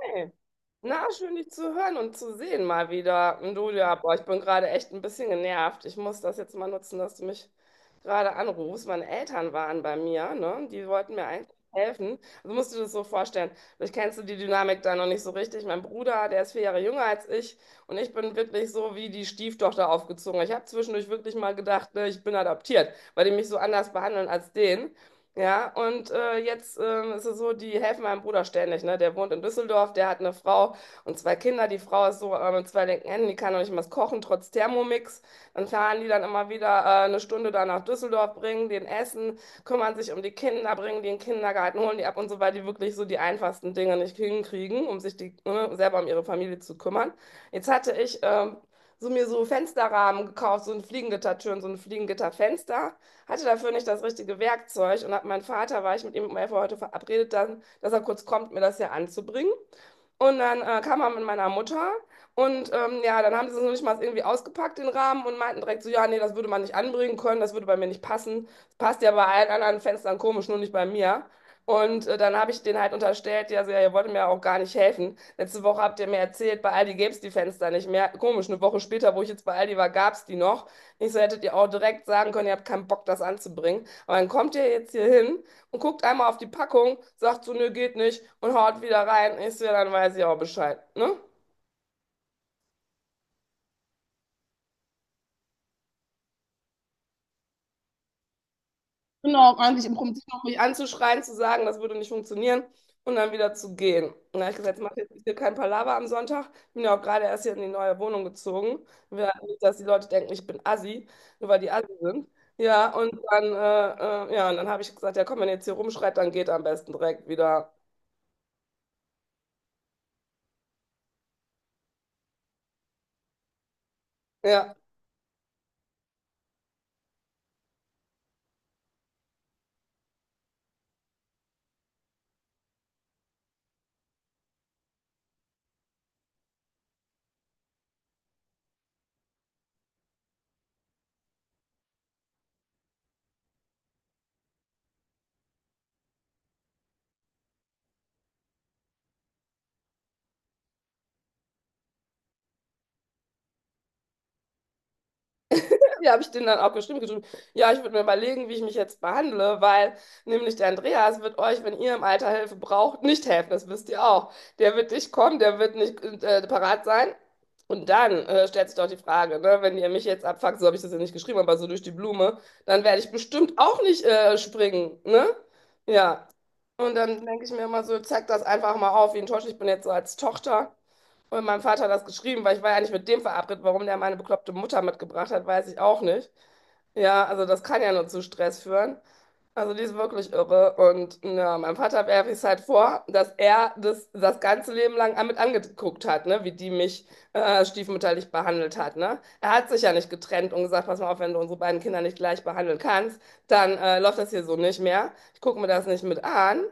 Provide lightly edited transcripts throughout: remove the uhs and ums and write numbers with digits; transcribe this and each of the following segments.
Hey. Na, schön dich zu hören und zu sehen mal wieder. Und du, ja, boah, ich bin gerade echt ein bisschen genervt. Ich muss das jetzt mal nutzen, dass du mich gerade anrufst. Meine Eltern waren bei mir, ne? Die wollten mir eigentlich helfen. Also musst du dir das so vorstellen. Vielleicht kennst du die Dynamik da noch nicht so richtig. Mein Bruder, der ist vier Jahre jünger als ich und ich bin wirklich so wie die Stieftochter aufgezogen. Ich habe zwischendurch wirklich mal gedacht, ne, ich bin adoptiert, weil die mich so anders behandeln als den. Ja, und jetzt ist es so, die helfen meinem Bruder ständig, ne? Der wohnt in Düsseldorf, der hat eine Frau und zwei Kinder. Die Frau ist so mit zwei linken Händen, die kann noch nicht mal was kochen, trotz Thermomix. Dann fahren die dann immer wieder eine Stunde da nach Düsseldorf, bringen den Essen, kümmern sich um die Kinder, bringen die in den Kindergarten, holen die ab und so, weil die wirklich so die einfachsten Dinge nicht hinkriegen, um sich die, ne, selber um ihre Familie zu kümmern. Jetzt hatte ich so mir so Fensterrahmen gekauft, so ein Fliegengittertüren, so ein Fliegengitterfenster hatte dafür nicht das richtige Werkzeug und hab meinen Vater, war ich mit ihm um 11 Uhr heute verabredet, dann, dass er kurz kommt, mir das hier anzubringen. Und dann kam er mit meiner Mutter und ja, dann haben sie es noch nicht mal irgendwie ausgepackt, den Rahmen, und meinten direkt so, ja, nee, das würde man nicht anbringen können, das würde bei mir nicht passen. Das passt ja bei allen anderen Fenstern komisch, nur nicht bei mir. Und dann habe ich denen halt unterstellt, ja, so, ja, ihr wollt mir auch gar nicht helfen. Letzte Woche habt ihr mir erzählt, bei Aldi gäbe es die Fenster nicht mehr. Komisch, eine Woche später, wo ich jetzt bei Aldi war, gab es die noch. Ich so, hättet ihr auch direkt sagen können, ihr habt keinen Bock, das anzubringen. Aber dann kommt ihr jetzt hier hin und guckt einmal auf die Packung, sagt so, nö, geht nicht und haut wieder rein. Ich so, ja, dann weiß ich auch Bescheid, ne? Genau, eigentlich im Prinzip. Noch mich anzuschreien, zu sagen, das würde nicht funktionieren und dann wieder zu gehen. Und dann habe ich gesagt, jetzt macht jetzt hier kein Palaver am Sonntag. Ich bin ja auch gerade erst hier in die neue Wohnung gezogen. Wir, nicht, dass die Leute denken, ich bin Assi, nur weil die Assi sind. Ja, und dann habe ich gesagt, ja komm, wenn ihr jetzt hier rumschreit, dann geht am besten direkt wieder. Ja. Ja, habe ich denen dann auch geschrieben, geschrieben, ja, ich würde mir überlegen, wie ich mich jetzt behandle, weil nämlich der Andreas wird euch, wenn ihr im Alter Hilfe braucht, nicht helfen, das wisst ihr auch. Der wird nicht kommen, der wird nicht parat sein. Und dann stellt sich doch die Frage, ne, wenn ihr mich jetzt abfuckt, so habe ich das ja nicht geschrieben, aber so durch die Blume, dann werde ich bestimmt auch nicht springen, ne? Ja. Und dann denke ich mir immer so, zeig das einfach mal auf, wie enttäuscht ich bin jetzt so als Tochter. Und mein Vater hat das geschrieben, weil ich war ja nicht mit dem verabredet. Warum der meine bekloppte Mutter mitgebracht hat, weiß ich auch nicht. Ja, also das kann ja nur zu Stress führen. Also die ist wirklich irre. Und ja, meinem Vater werfe ich es halt vor, dass er das ganze Leben lang mit angeguckt hat, ne? Wie die mich stiefmütterlich behandelt hat, ne? Er hat sich ja nicht getrennt und gesagt, pass mal auf, wenn du unsere beiden Kinder nicht gleich behandeln kannst, dann läuft das hier so nicht mehr. Ich gucke mir das nicht mit an.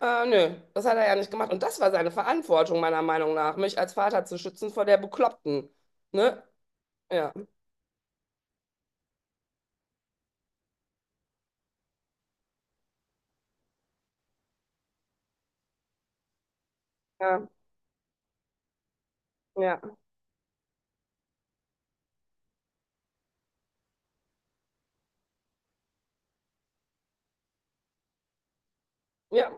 Nö, das hat er ja nicht gemacht. Und das war seine Verantwortung, meiner Meinung nach, mich als Vater zu schützen vor der Bekloppten. Ne? Ja. Ja, ja, ja,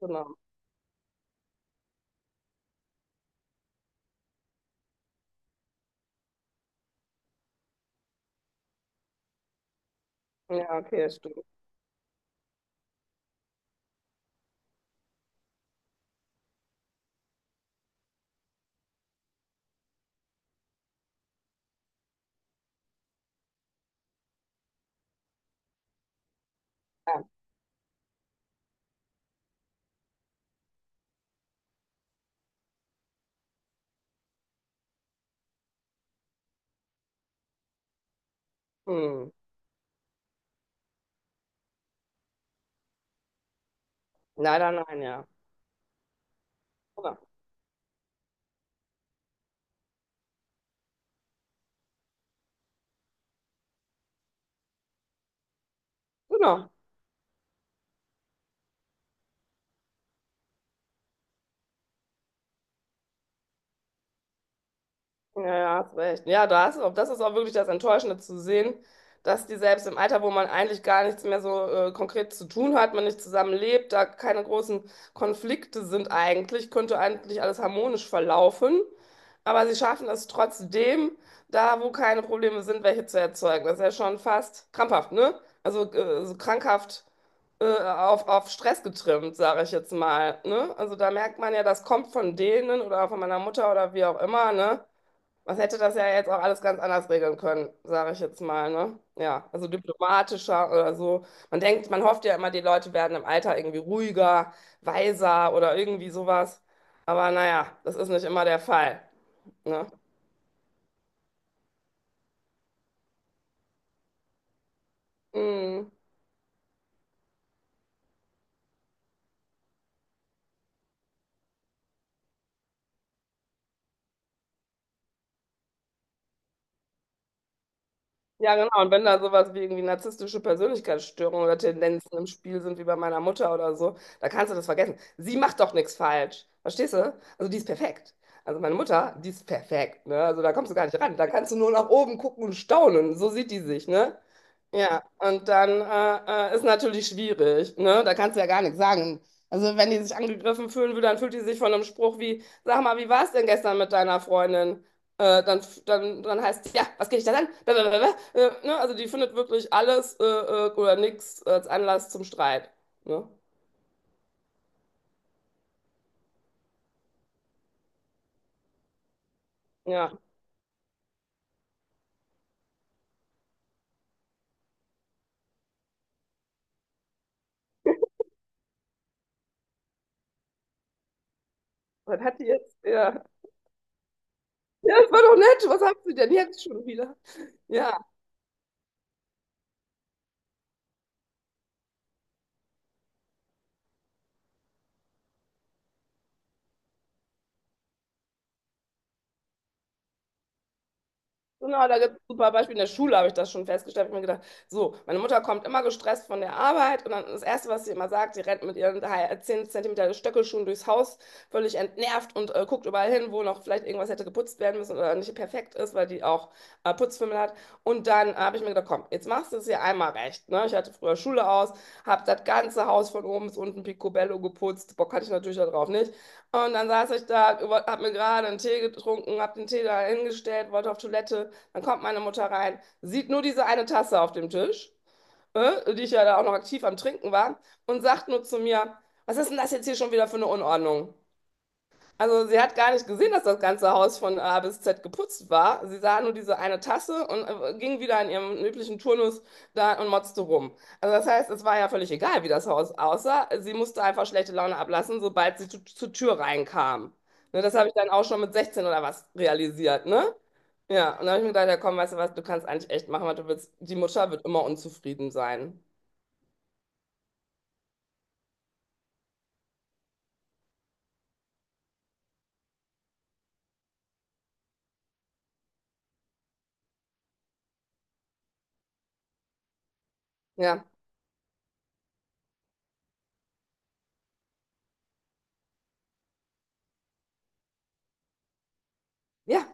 genau. Ja, okay, das stimmt. Ja. Hm. Leider nein, ja. Aber, genau. Ja, ja, hast recht. Ja, da hast, das ist auch wirklich das Enttäuschende zu sehen, dass die selbst im Alter, wo man eigentlich gar nichts mehr so konkret zu tun hat, man nicht zusammenlebt, da keine großen Konflikte sind eigentlich, könnte eigentlich alles harmonisch verlaufen. Aber sie schaffen es trotzdem, da wo keine Probleme sind, welche zu erzeugen. Das ist ja schon fast krampfhaft, ne? Also so krankhaft auf Stress getrimmt, sage ich jetzt mal, ne? Also da merkt man ja, das kommt von denen oder von meiner Mutter oder wie auch immer, ne? Was hätte das ja jetzt auch alles ganz anders regeln können, sage ich jetzt mal, ne? Ja, also diplomatischer oder so. Man denkt, man hofft ja immer, die Leute werden im Alter irgendwie ruhiger, weiser oder irgendwie sowas. Aber naja, das ist nicht immer der Fall, ne? Mm. Ja, genau. Und wenn da sowas wie irgendwie narzisstische Persönlichkeitsstörungen oder Tendenzen im Spiel sind, wie bei meiner Mutter oder so, da kannst du das vergessen. Sie macht doch nichts falsch. Verstehst du? Also die ist perfekt. Also meine Mutter, die ist perfekt, ne? Also da kommst du gar nicht ran. Da kannst du nur nach oben gucken und staunen. So sieht die sich, ne? Ja, und dann ist natürlich schwierig, ne? Da kannst du ja gar nichts sagen. Also wenn die sich angegriffen fühlen würde, dann fühlt die sich von einem Spruch wie, sag mal, wie war es denn gestern mit deiner Freundin? Dann heißt es, ja, was geht dich das an? Blablabla. Ne? Also die findet wirklich alles oder nichts als Anlass zum Streit. Ne? Ja. Was hat die jetzt? Ja. Ja, das war doch nett. Was haben sie denn jetzt schon wieder? Ja. Genau, da gibt es ein super Beispiele. In der Schule habe ich das schon festgestellt. Ich habe mir gedacht, so, meine Mutter kommt immer gestresst von der Arbeit und dann das Erste, was sie immer sagt, sie rennt mit ihren 10 Zentimeter Stöckelschuhen durchs Haus, völlig entnervt und guckt überall hin, wo noch vielleicht irgendwas hätte geputzt werden müssen oder nicht perfekt ist, weil die auch Putzfimmel hat. Und dann habe ich mir gedacht, komm, jetzt machst du es hier einmal recht. Ne? Ich hatte früher Schule aus, habe das ganze Haus von oben bis unten picobello geputzt. Bock hatte ich natürlich darauf nicht. Und dann saß ich da, habe mir gerade einen Tee getrunken, habe den Tee da hingestellt, wollte auf Toilette. Dann kommt meine Mutter rein, sieht nur diese eine Tasse auf dem Tisch, die ich ja da auch noch aktiv am Trinken war, und sagt nur zu mir, was ist denn das jetzt hier schon wieder für eine Unordnung? Also sie hat gar nicht gesehen, dass das ganze Haus von A bis Z geputzt war. Sie sah nur diese eine Tasse und ging wieder in ihrem üblichen Turnus da und motzte rum. Also das heißt, es war ja völlig egal, wie das Haus aussah. Sie musste einfach schlechte Laune ablassen, sobald sie zur Tür reinkam. Ne, das habe ich dann auch schon mit 16 oder was realisiert, ne? Ja, und dann habe ich mir gedacht, ja komm, weißt du was, du kannst eigentlich echt machen, was du willst. Die Mutter wird immer unzufrieden sein. Ja, ja,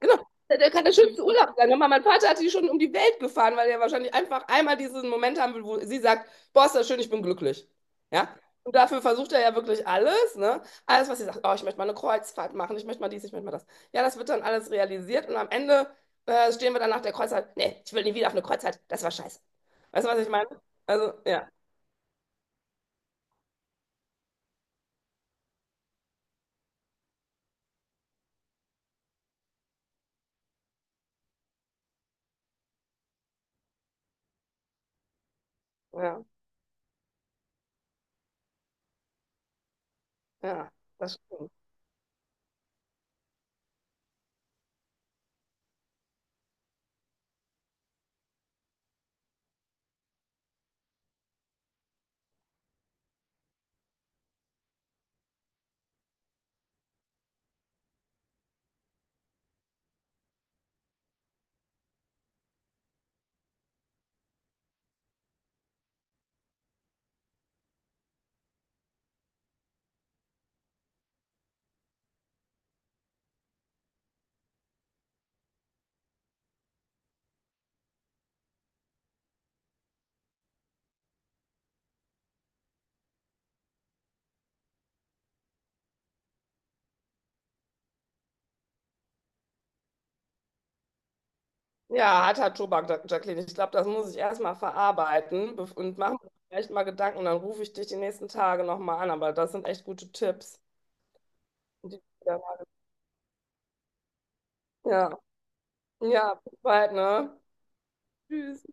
genau. Der kann der schönste Urlaub sein. Hör mal, mein Vater hat die schon um die Welt gefahren, weil er wahrscheinlich einfach einmal diesen Moment haben will, wo sie sagt, boah, ist das schön, ich bin glücklich. Ja? Und dafür versucht er ja wirklich alles, ne? Alles, was sie sagt, oh, ich möchte mal eine Kreuzfahrt machen, ich möchte mal dies, ich möchte mal das. Ja, das wird dann alles realisiert und am Ende stehen wir dann nach der Kreuzfahrt, nee, ich will nie wieder auf eine Kreuzfahrt, das war scheiße. Weißt du, was ich meine? Also, ja, ja, ja, das stimmt. Ja, harter Tobak, Jacqueline. Ich glaube, das muss ich erstmal verarbeiten und machen mir vielleicht mal Gedanken. Dann rufe ich dich die nächsten Tage nochmal an. Aber das sind echt gute Tipps. Die- Ja, ja, bis bald, ne? Tschüss.